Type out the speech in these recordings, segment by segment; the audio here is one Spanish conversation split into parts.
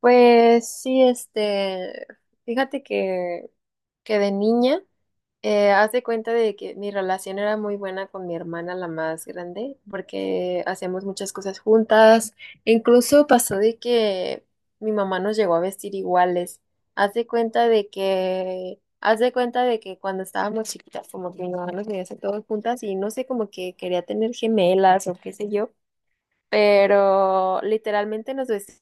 Pues sí, fíjate que, que de niña, haz de cuenta de que mi relación era muy buena con mi hermana, la más grande, porque hacíamos muchas cosas juntas. Incluso pasó de que mi mamá nos llegó a vestir iguales. Haz de cuenta de que cuando estábamos chiquitas, como que mi mamá nos veía hacer todas juntas y no sé, como que quería tener gemelas o qué sé yo, pero literalmente nos vestimos.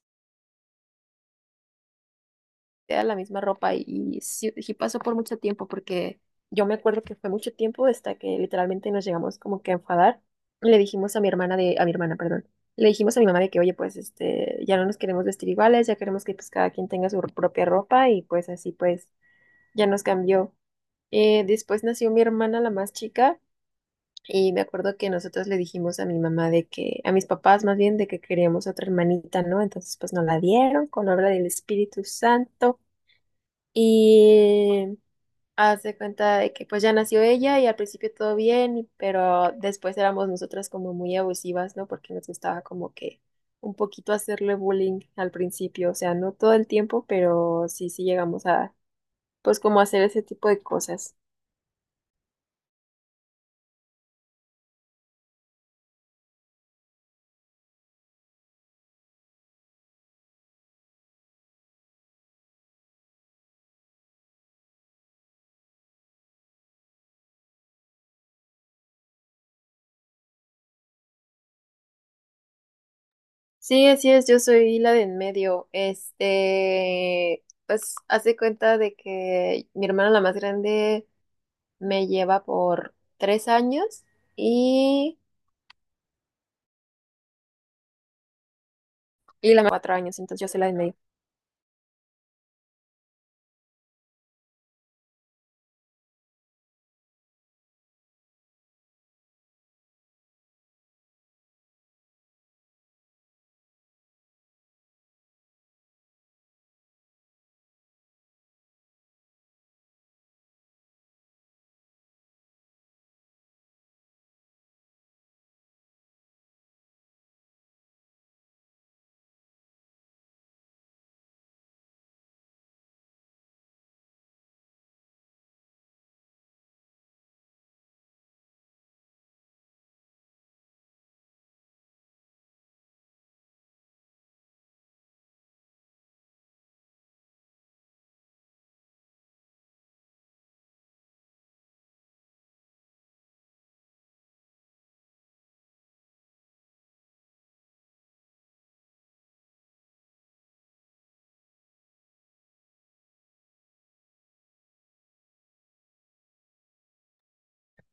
Era la misma ropa y, sí, sí pasó por mucho tiempo porque yo me acuerdo que fue mucho tiempo hasta que literalmente nos llegamos como que a enfadar. Le dijimos a mi hermana de, a mi hermana, perdón, le dijimos a mi mamá de que, oye, pues este, ya no nos queremos vestir iguales, ya queremos que pues cada quien tenga su propia ropa y pues así pues ya nos cambió. Después nació mi hermana, la más chica, y me acuerdo que nosotros le dijimos a mi mamá de que, a mis papás más bien, de que queríamos otra hermanita, ¿no? Entonces pues nos la dieron con obra del Espíritu Santo. Y hace cuenta de que pues ya nació ella y al principio todo bien, pero después éramos nosotras como muy abusivas, ¿no? Porque nos gustaba como que un poquito hacerle bullying al principio, o sea, no todo el tiempo, pero sí, sí llegamos a pues como hacer ese tipo de cosas. Sí, así es, yo soy la de en medio. Este, pues hace cuenta de que mi hermana la más grande me lleva por 3 años y, y la más 4 años, entonces yo soy la de en medio.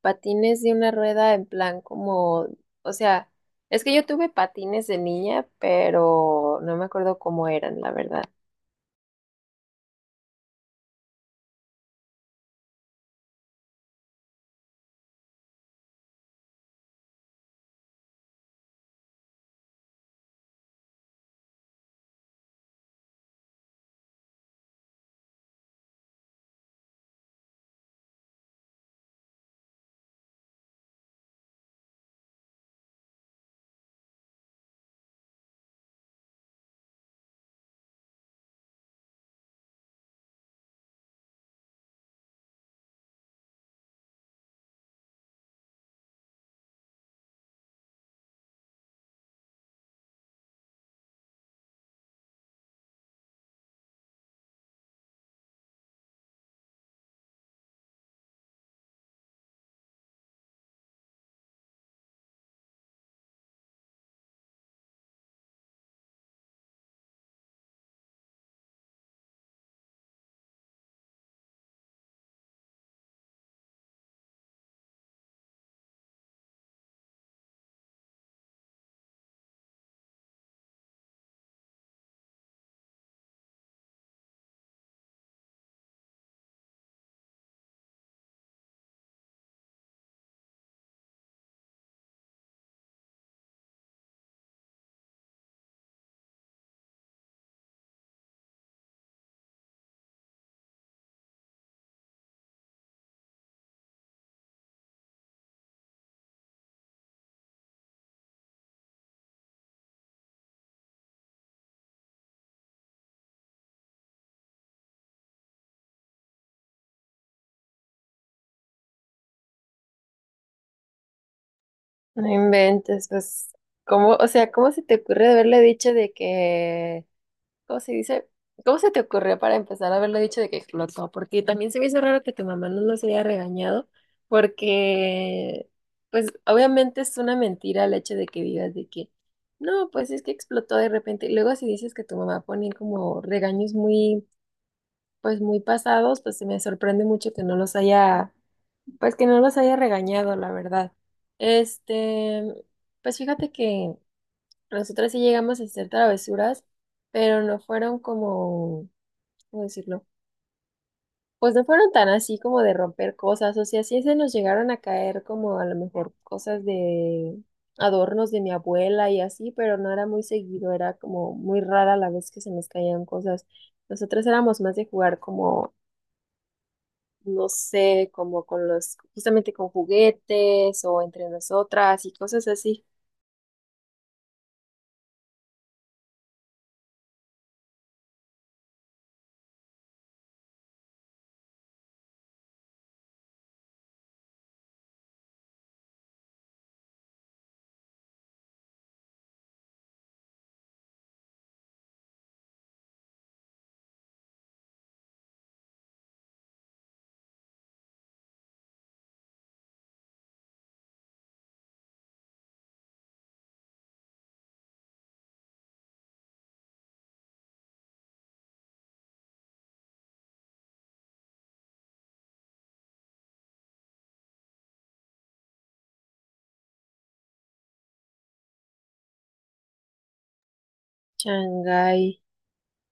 Patines de una rueda en plan como, o sea, es que yo tuve patines de niña, pero no me acuerdo cómo eran, la verdad. No inventes, pues, o sea, ¿cómo se te ocurre haberle dicho de que... ¿Cómo se dice? ¿Cómo se te ocurrió para empezar a haberlo dicho de que explotó? Porque también se me hizo raro que tu mamá no nos haya regañado, porque, pues, obviamente es una mentira el hecho de que digas de que, no, pues es que explotó de repente. Y luego si dices que tu mamá ponía como regaños muy, pues, muy pasados, pues se me sorprende mucho que no los haya, pues, que no los haya regañado, la verdad. Este, pues fíjate que nosotras sí llegamos a hacer travesuras pero no fueron como... ¿Cómo decirlo? Pues no fueron tan así como de romper cosas, o sea, sí se nos llegaron a caer como a lo mejor cosas de adornos de mi abuela y así, pero no era muy seguido, era como muy rara la vez que se nos caían cosas. Nosotros éramos más de jugar como, no sé, justamente con juguetes o entre nosotras y cosas así. Shanghai.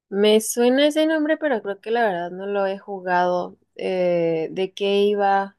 Me suena ese nombre, pero creo que la verdad no lo he jugado. ¿De qué iba?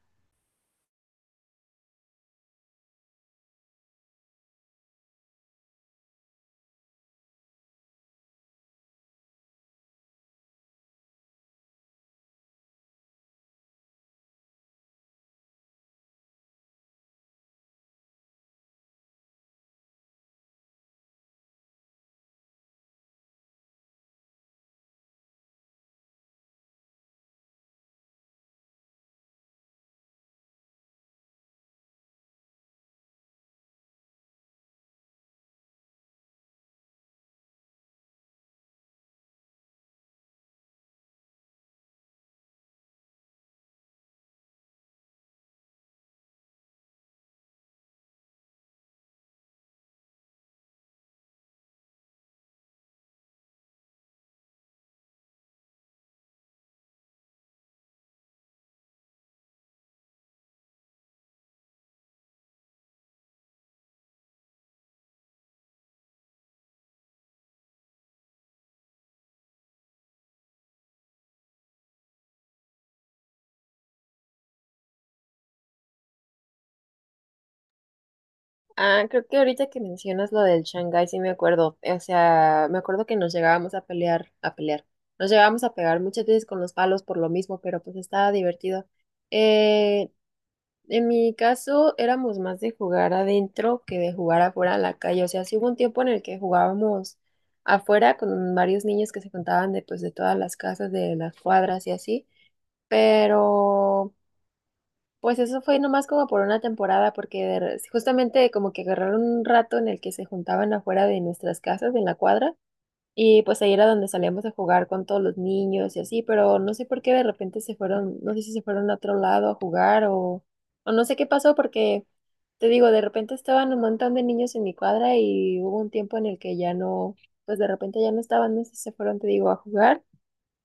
Ah, creo que ahorita que mencionas lo del Shanghái, sí me acuerdo. O sea, me acuerdo que nos llegábamos a pelear. Nos llegábamos a pegar muchas veces con los palos por lo mismo, pero pues estaba divertido. Eh, en mi caso, éramos más de jugar adentro que de jugar afuera en la calle. O sea, sí hubo un tiempo en el que jugábamos afuera con varios niños que se juntaban de, pues, de todas las casas, de las cuadras y así. Pero. Pues eso fue nomás como por una temporada, porque justamente como que agarraron un rato en el que se juntaban afuera de nuestras casas, en la cuadra, y pues ahí era donde salíamos a jugar con todos los niños y así, pero no sé por qué de repente se fueron, no sé si se fueron a otro lado a jugar o no sé qué pasó, porque te digo, de repente estaban un montón de niños en mi cuadra y hubo un tiempo en el que ya no, pues de repente ya no estaban, no sé si se fueron, te digo, a jugar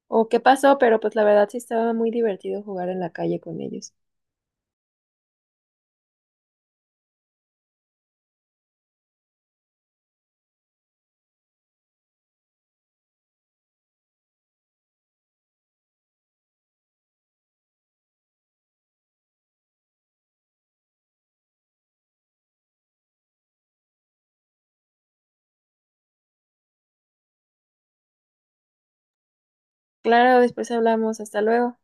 o qué pasó, pero pues la verdad sí estaba muy divertido jugar en la calle con ellos. Claro, después hablamos. Hasta luego.